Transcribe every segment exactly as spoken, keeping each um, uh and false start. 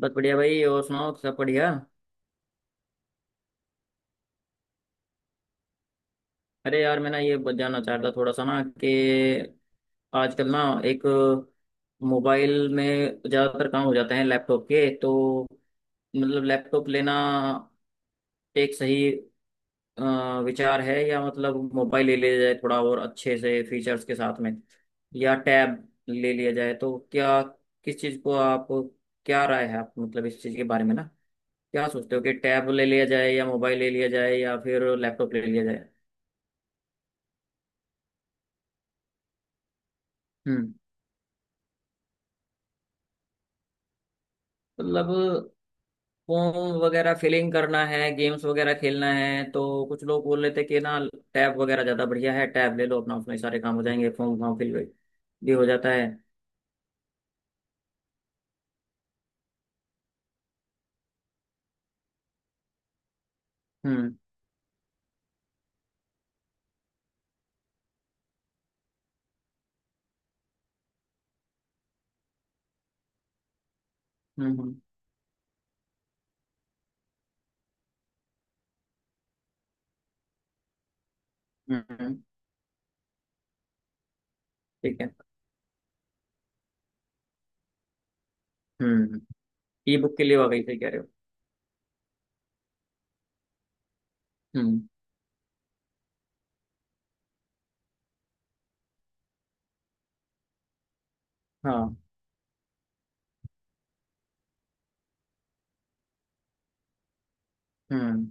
बस बढ़िया भाई। और सुनाओ, सब बढ़िया। अरे यार, मैं ना ये जानना चाह रहा था थोड़ा सा ना कि आजकल ना एक मोबाइल में ज़्यादातर काम हो जाते हैं लैपटॉप के, तो मतलब लैपटॉप लेना एक सही अ, विचार है, या मतलब मोबाइल ले लिया जाए थोड़ा और अच्छे से फीचर्स के साथ में, या टैब ले लिया जाए, तो क्या, किस चीज़ को आप, क्या राय है आप मतलब इस चीज़ के बारे में ना, क्या सोचते हो कि टैब ले लिया जाए या मोबाइल ले लिया जाए या फिर लैपटॉप ले लिया जाए। हम्म। मतलब फोन वगैरह फिलिंग करना है, गेम्स वगैरह खेलना है, तो कुछ लोग बोल रहे थे कि ना टैब वगैरह ज़्यादा बढ़िया है, टैब ले लो अपना, उसमें सारे काम हो जाएंगे, फॉर्म वॉर्म फिल भी भी हो जाता है। हम्म। हम्म। हम्म। हम्म। ठीक है। हम्म। ई बुक के लिए वाकई सही कह रहे हो। हम्म। हाँ। हम्म।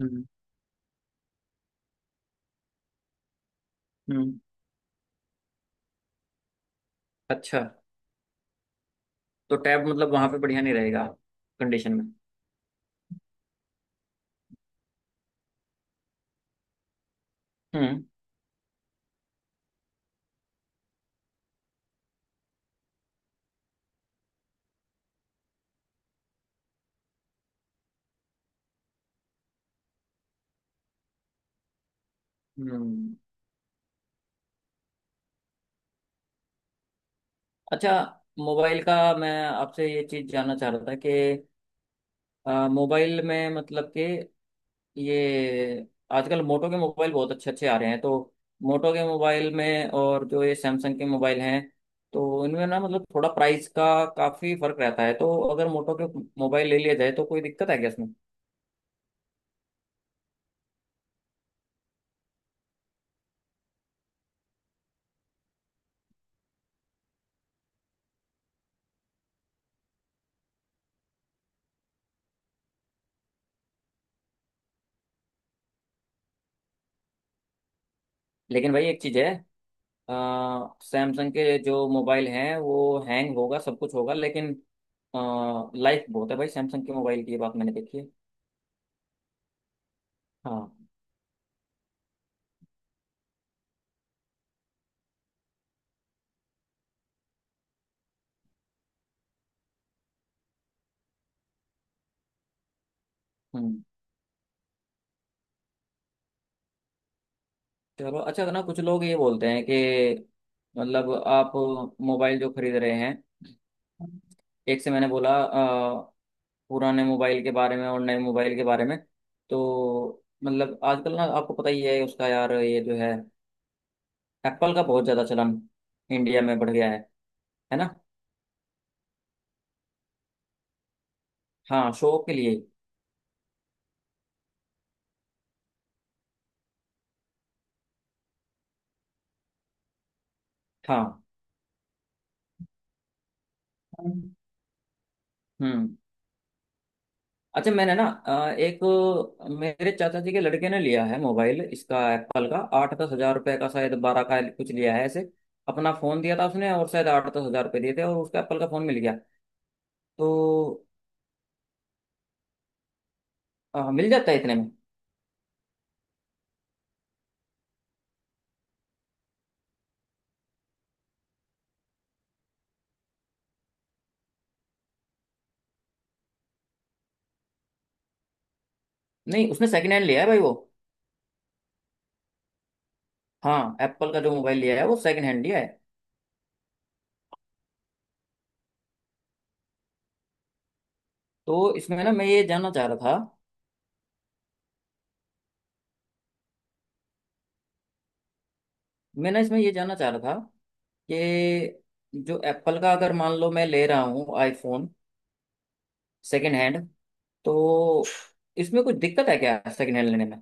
हम्म। हम्म। अच्छा। तो टैब मतलब वहां पे बढ़िया नहीं रहेगा कंडीशन में। हम्म। हम्म। अच्छा, मोबाइल का मैं आपसे ये चीज जानना चाह रहा था कि अ, मोबाइल में मतलब कि ये आजकल मोटो के मोबाइल बहुत अच्छे अच्छे आ रहे हैं, तो मोटो के मोबाइल में और जो ये सैमसंग के मोबाइल हैं, तो इनमें ना मतलब थोड़ा प्राइस का काफी फर्क रहता है, तो अगर मोटो के मोबाइल ले लिया जाए तो कोई दिक्कत है क्या इसमें। लेकिन भाई एक चीज है, सैमसंग के जो मोबाइल हैं वो हैंग होगा सब कुछ होगा, लेकिन लाइफ बहुत है भाई, सैमसंग के मोबाइल की, ये बात मैंने देखी है। हाँ। हम्म। चलो, अच्छा ना, कुछ लोग ये बोलते हैं कि मतलब आप मोबाइल जो खरीद रहे हैं, एक से मैंने बोला अ, पुराने मोबाइल के बारे में और नए मोबाइल के बारे में, तो मतलब आजकल ना आपको पता ही है उसका, यार ये जो है एप्पल का बहुत ज़्यादा चलन इंडिया में बढ़ गया है। है ना? हाँ, शो के लिए। हाँ। हाँ। हम्म। अच्छा, मैंने ना अ, एक मेरे चाचा जी के लड़के ने लिया है मोबाइल इसका, एप्पल का आठ दस हजार रुपये का, शायद बारह का कुछ लिया है ऐसे, अपना फोन दिया था उसने और शायद आठ दस हजार रुपये दिए थे और उसका एप्पल का फोन मिल गया, तो अ, मिल जाता है इतने में। नहीं, उसने सेकंड हैंड लिया है भाई वो, हाँ एप्पल का जो मोबाइल लिया है वो सेकंड हैंड लिया है, तो इसमें ना मैं ये जानना चाह रहा था, मैं ना इसमें ये जानना चाह रहा था कि जो एप्पल का, अगर मान लो मैं ले रहा हूँ आईफोन सेकंड हैंड, तो इसमें कुछ दिक्कत है क्या सेकंड हैंड लेने में।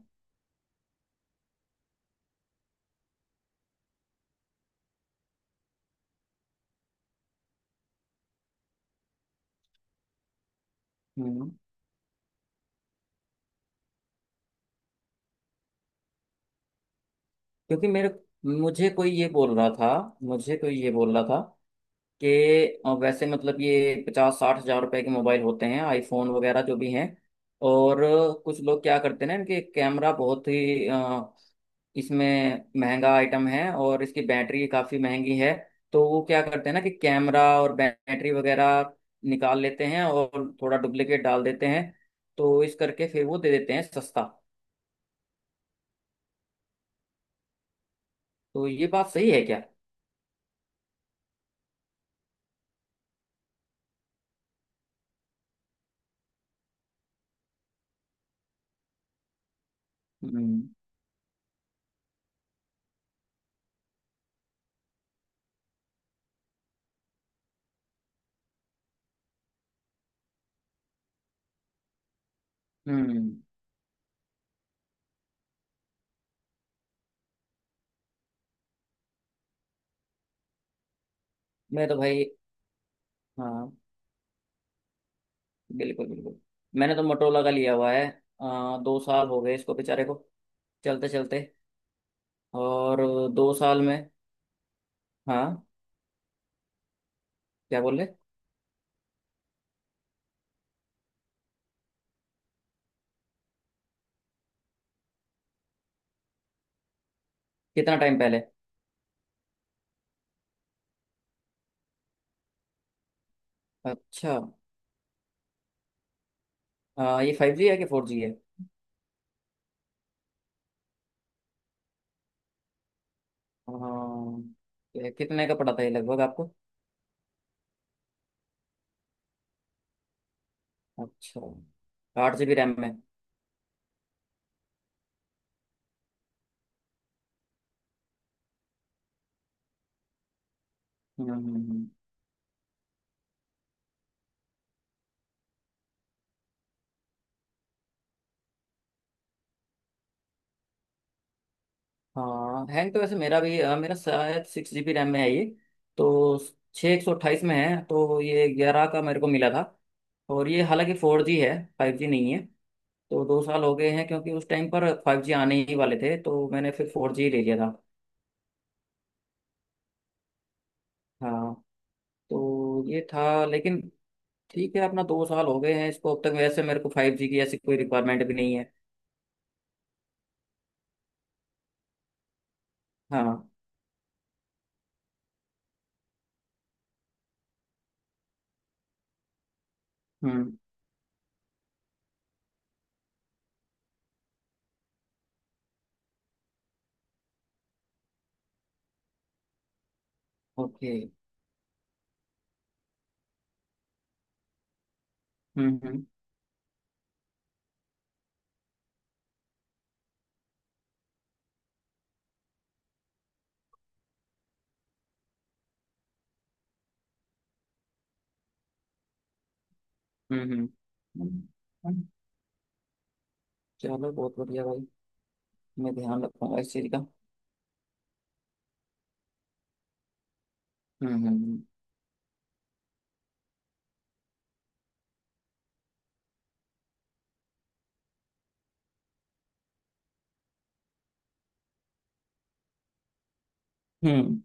हम्म। क्योंकि मेरे, मुझे कोई ये बोल रहा था मुझे कोई ये बोल रहा था कि अ, वैसे मतलब ये पचास साठ हजार रुपए के मोबाइल होते हैं आईफोन वगैरह जो भी हैं, और अ, कुछ लोग क्या करते हैं ना, इनके कैमरा बहुत ही अ, इसमें महंगा आइटम है और इसकी बैटरी काफ़ी महंगी है, तो वो क्या करते हैं ना कि कैमरा और बैटरी वगैरह निकाल लेते हैं और थोड़ा डुप्लीकेट डाल देते हैं, तो इस करके फिर वो दे देते हैं सस्ता। तो ये बात सही है क्या? हम्म। हम्म। मैं तो भाई, हाँ बिल्कुल बिल्कुल, मैंने तो मोटरोला का लिया हुआ है, आ, दो साल हो गए इसको बेचारे को, चलते चलते, और दो साल में। हाँ। क्या बोल रहे, कितना टाइम पहले? अच्छा। आ, ये फाइव जी है कि फोर जी है? हाँ, ये कितने का पड़ा था ये लगभग आपको? अच्छा। आठ जी बी रैम में? हम्म। हम्म। हम्म। हाँ, हैंग तो वैसे मेरा भी, अ, मेरा शायद सिक्स जीबी रैम में है ये, तो छः एक सौ अट्ठाईस में है, तो ये ग्यारह का मेरे को मिला था। और ये हालांकि फोर जी है, फाइव जी नहीं है, तो दो साल हो गए हैं, क्योंकि उस टाइम पर फाइव जी आने ही वाले थे तो मैंने फिर फोर जी ले लिया था। हाँ, तो ये था, लेकिन ठीक है, अपना दो साल हो गए हैं इसको अब तक, वैसे मेरे को फाइव जी की ऐसी कोई रिक्वायरमेंट भी नहीं है। हाँ। हम्म। ओके। हम्म। हम्म। हम्म। हम्म। हम्म। चलो बहुत बढ़िया भाई, मैं ध्यान रखूंगा इस चीज़ का। हम्म। हम्म। हम्म। हम्म।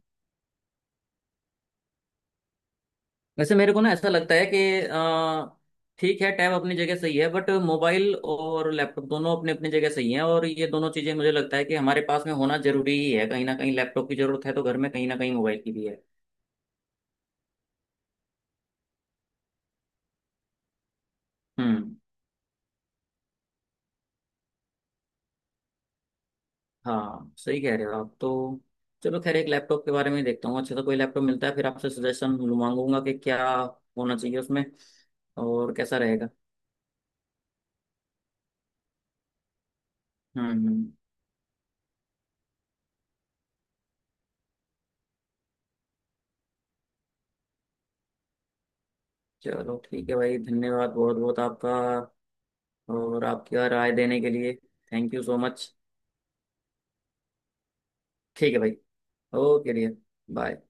वैसे मेरे को ना ऐसा लगता है कि अ, ठीक है, टैब अपनी जगह सही है, बट मोबाइल और लैपटॉप दोनों अपने अपनी जगह सही हैं, और ये दोनों चीजें मुझे लगता है कि हमारे पास में होना जरूरी ही है, कहीं ना कहीं लैपटॉप की जरूरत है तो घर में, कहीं ना कहीं मोबाइल की भी है। हम्म। हाँ सही कह रहे हो आप तो। चलो खैर, एक लैपटॉप के बारे में ही देखता हूँ, अच्छा तो कोई लैपटॉप मिलता है फिर आपसे सजेशन मांगूंगा कि क्या होना चाहिए उसमें और कैसा रहेगा। हम्म। हम्म। चलो ठीक है भाई, धन्यवाद बहुत बहुत आपका, और आपकी राय देने के लिए थैंक यू सो मच। ठीक है भाई। Okay dear. बाय।